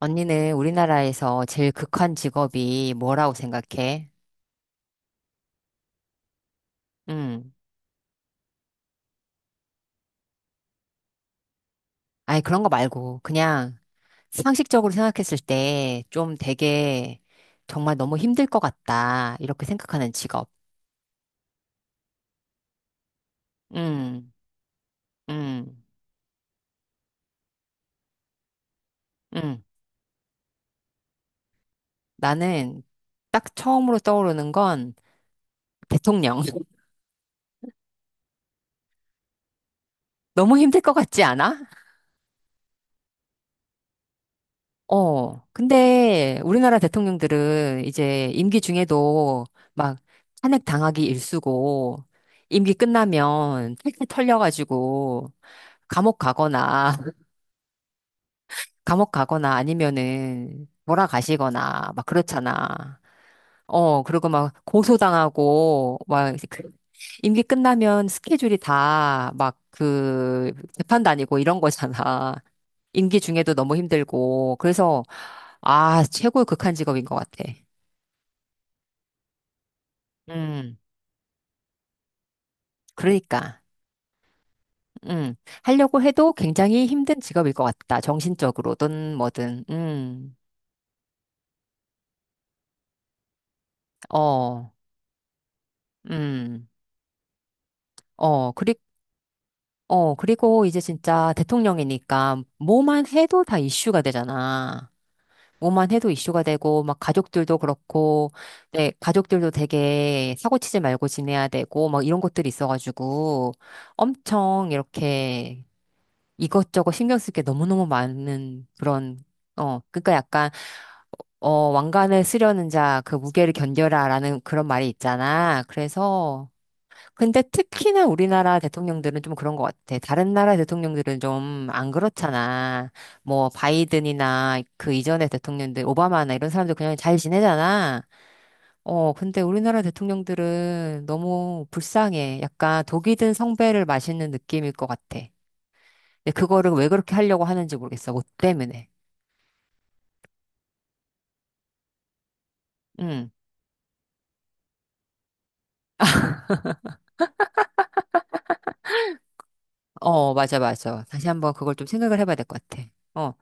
언니는 우리나라에서 제일 극한 직업이 뭐라고 생각해? 음. 아니, 그런 거 말고, 그냥 상식적으로 생각했을 때 좀 되게 정말 너무 힘들 것 같다. 이렇게 생각하는 직업. 음, 음, 음. 나는 딱 처음으로 떠오르는 건 대통령. 너무 힘들 것 같지 않아? 어, 근데 우리나라 대통령들은 이제 임기 중에도 막 탄핵 당하기 일쑤고 임기 끝나면 탈탈 털려가지고 감옥 가거나 감옥 가거나 아니면은 몰아가시거나 막 그렇잖아. 어, 그리고 막 고소당하고 막 임기 끝나면 스케줄이 다 막 그 재판 다니고 이런 거잖아. 임기 중에도 너무 힘들고 그래서 아, 최고의 극한 직업인 것 같아. 음, 그러니까, 음, 하려고 해도 굉장히 힘든 직업일 것 같다. 정신적으로든 뭐든, 어, 음, 어, 그리, 어, 그리고 이제 진짜 대통령이니까 뭐만 해도 다 이슈가 되잖아. 뭐만 해도 이슈가 되고, 막 가족들도 그렇고, 네, 가족들도 되게 사고치지 말고 지내야 되고, 막 이런 것들이 있어가지고, 엄청 이렇게 이것저것 신경 쓸 게 너무너무 많은 그런, 어, 그러니까 약간, 어, 왕관을 쓰려는 자, 그 무게를 견뎌라라는 그런 말이 있잖아. 그래서, 근데 특히나 우리나라 대통령들은 좀 그런 것 같아. 다른 나라 대통령들은 좀 안 그렇잖아. 뭐, 바이든이나 그 이전의 대통령들, 오바마나 이런 사람들 그냥 잘 지내잖아. 어, 근데 우리나라 대통령들은 너무 불쌍해. 약간 독이 든 성배를 마시는 느낌일 것 같아. 근데 그거를 왜 그렇게 하려고 하는지 모르겠어. 뭐 때문에. 응. 어, 맞아, 맞아. 다시 한번 그걸 좀 생각을 해봐야 될 것 같아. 어,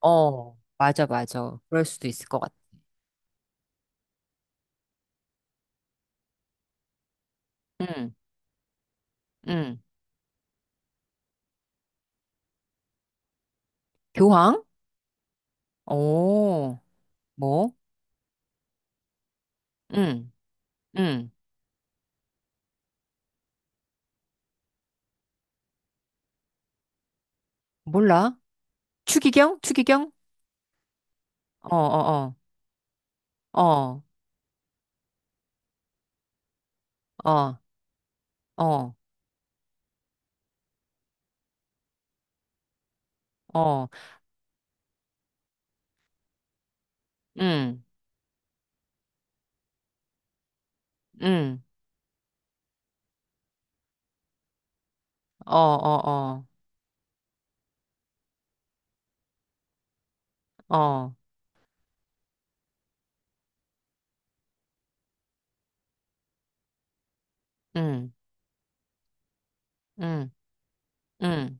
어, 맞아, 맞아. 그럴 수도 있을 것 같아. 응, 응. 교황? 오, 뭐? 응, 응. 몰라. 추기경? 추기경? 어, 어, 어, 어, 어, 어, 어, 응, 응, 어, 어, 어, 어, 응, 응, 응.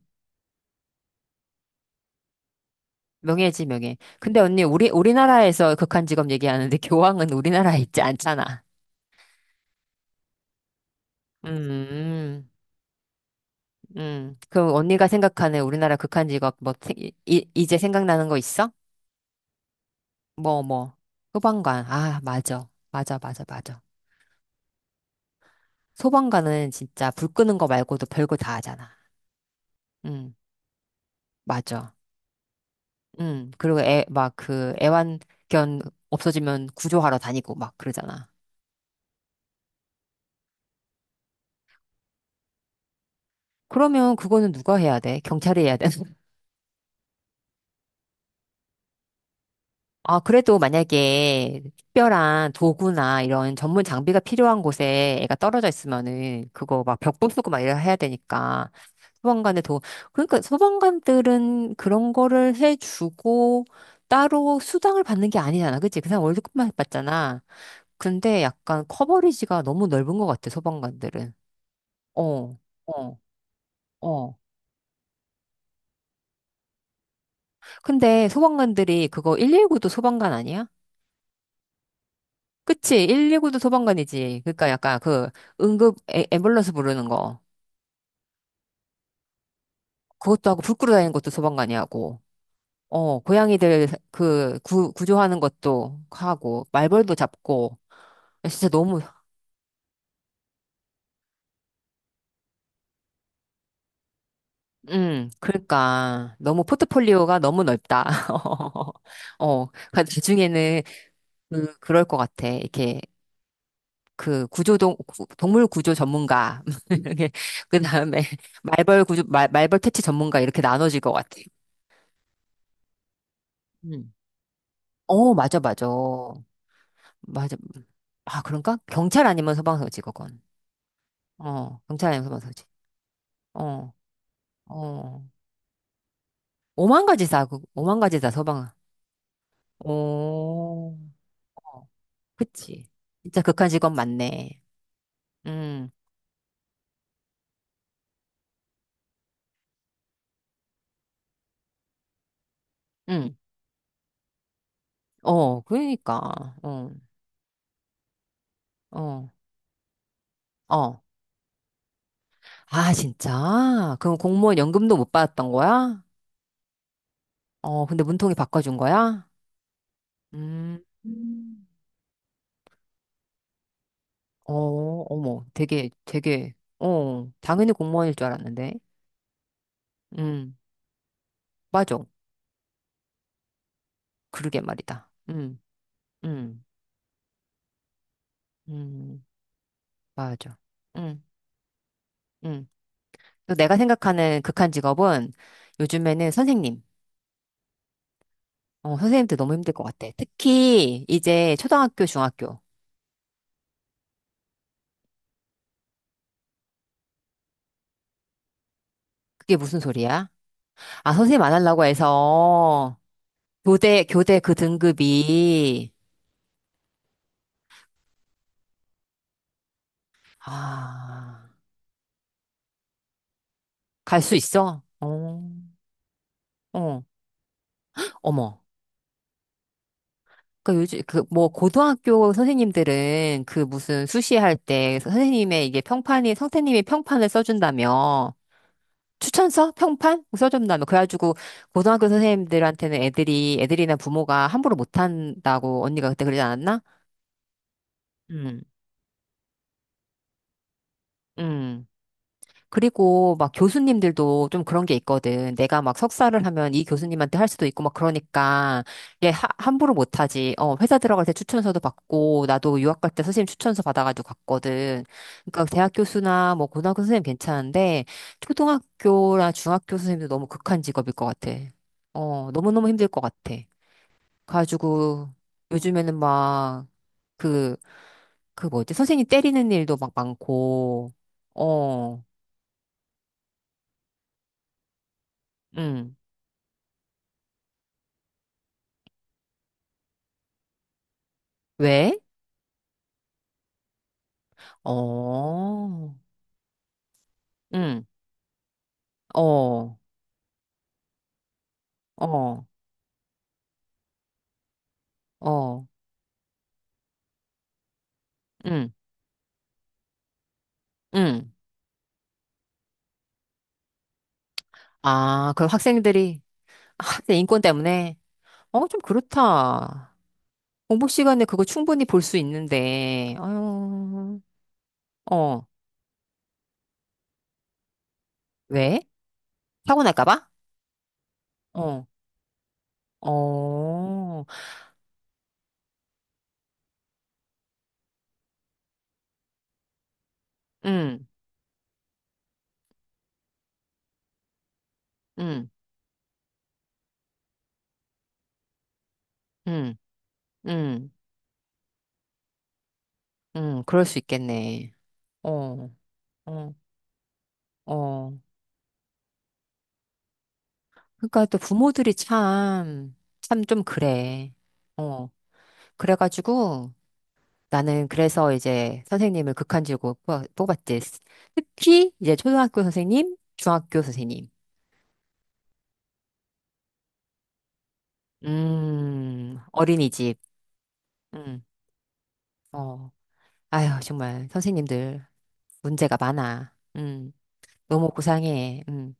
명예지, 명예. 근데 언니, 우리나라에서 극한 직업 얘기하는데 교황은 우리나라에 있지 않잖아. 음, 그럼 언니가 생각하는 우리나라 극한 직업, 뭐, 이, 이제 생각나는 거 있어? 뭐, 뭐. 소방관. 아, 맞아. 맞아, 맞아, 맞아. 소방관은 진짜 불 끄는 거 말고도 별거 다 하잖아. 음, 맞아. 그리고 애, 막 그 애완견 없어지면 구조하러 다니고 막 그러잖아. 그러면 그거는 누가 해야 돼? 경찰이 해야 아, 그래도 만약에 특별한 도구나 이런 전문 장비가 필요한 곳에 애가 떨어져 있으면은 그거 막 벽 부수고 막 이래야 해야 되니까 소방관의 도, 그러니까 소방관들은 그런 거를 해주고 따로 수당을 받는 게 아니잖아. 그치? 그 사람 월급만 받잖아. 근데 약간 커버리지가 너무 넓은 것 같아, 소방관들은. 어, 어, 어. 근데 소방관들이 그거 119도 소방관 아니야? 그치? 119도 소방관이지. 그러니까 약간 그 응급 에, 앰뷸런스 부르는 거. 그것도 하고 불 끄러 다니는 것도 소방관이 하고. 어, 고양이들 그 구조하는 것도 하고 말벌도 잡고. 진짜 너무 그러니까 너무 포트폴리오가 너무 넓다. 어, 그러니까 나중에는 그 그럴 것 같아. 이렇게 그 구조동 동물 구조 전문가 이렇게 그다음에 말벌 구조 말, 말벌 퇴치 전문가 이렇게 나눠질 것 같아. 음. 어, 맞아, 맞아. 맞아. 아, 그런가? 경찰 아니면 소방서지, 그건. 어, 경찰 아니면 소방서지. 어, 어. 오만 가지 다, 오만 가지 다 소방. 오, 어, 그치. 진짜 극한 직업 맞네. 음, 음. 어, 그러니까. 어, 어, 어. 아, 진짜? 그럼 공무원 연금도 못 받았던 거야? 어, 근데 문통이 바꿔준 거야? 음. 어, 어머, 되게, 되게, 어, 당연히 공무원일 줄 알았는데. 음, 맞아. 그러게 말이다. 음, 음, 맞아. 음, 음. 또 내가 생각하는 극한 직업은 요즘에는 선생님. 어, 선생님들 너무 힘들 것 같아. 특히 이제 초등학교, 중학교. 그게 무슨 소리야? 아, 선생님 안 하려고 해서 교대, 교대 그 등급이, 아, 갈 수 있어? 어, 어, 어머. 그 요즘 그 뭐 고등학교 선생님들은 그 무슨 수시할 때 선생님의 이게 평판이 선생님이 평판을 써준다며 추천서 평판 써준다며 그래가지고 고등학교 선생님들한테는 애들이 애들이나 부모가 함부로 못한다고 언니가 그때 그러지 않았나? 음, 음. 그리고 막 교수님들도 좀 그런 게 있거든. 내가 막 석사를 하면 이 교수님한테 할 수도 있고 막 그러니까 함부로 못하지. 어, 회사 들어갈 때 추천서도 받고 나도 유학 갈 때 선생님 추천서 받아가지고 갔거든. 그러니까 대학 교수나 뭐 고등학교 선생님 괜찮은데 초등학교나 중학교 선생님도 너무 극한 직업일 것 같아. 어, 너무너무 힘들 것 같아. 가지고 요즘에는 막 그, 그 뭐지? 선생님 때리는 일도 막 많고, 어, 응. 왜? 어, 응, 어, 어, 어, 응, 응. 아, 그럼 학생들이, 아, 학생 인권 때문에, 어, 좀 그렇다. 공부 시간에 그거 충분히 볼 수 있는데, 어, 어, 왜? 사고 날까 봐? 어, 어, 응, 응, 응, 응, 응, 그럴 수 있겠네. 어, 어, 어. 그러니까 또 부모들이 참, 참 좀 그래. 어, 그래가지고, 나는 그래서 이제 선생님을 극한직으로 뽑았지. 특히 이제 초등학교 선생님, 중학교 선생님. 어린이집. 음, 어. 아휴, 정말 선생님들 문제가 많아. 너무 고상해. 음.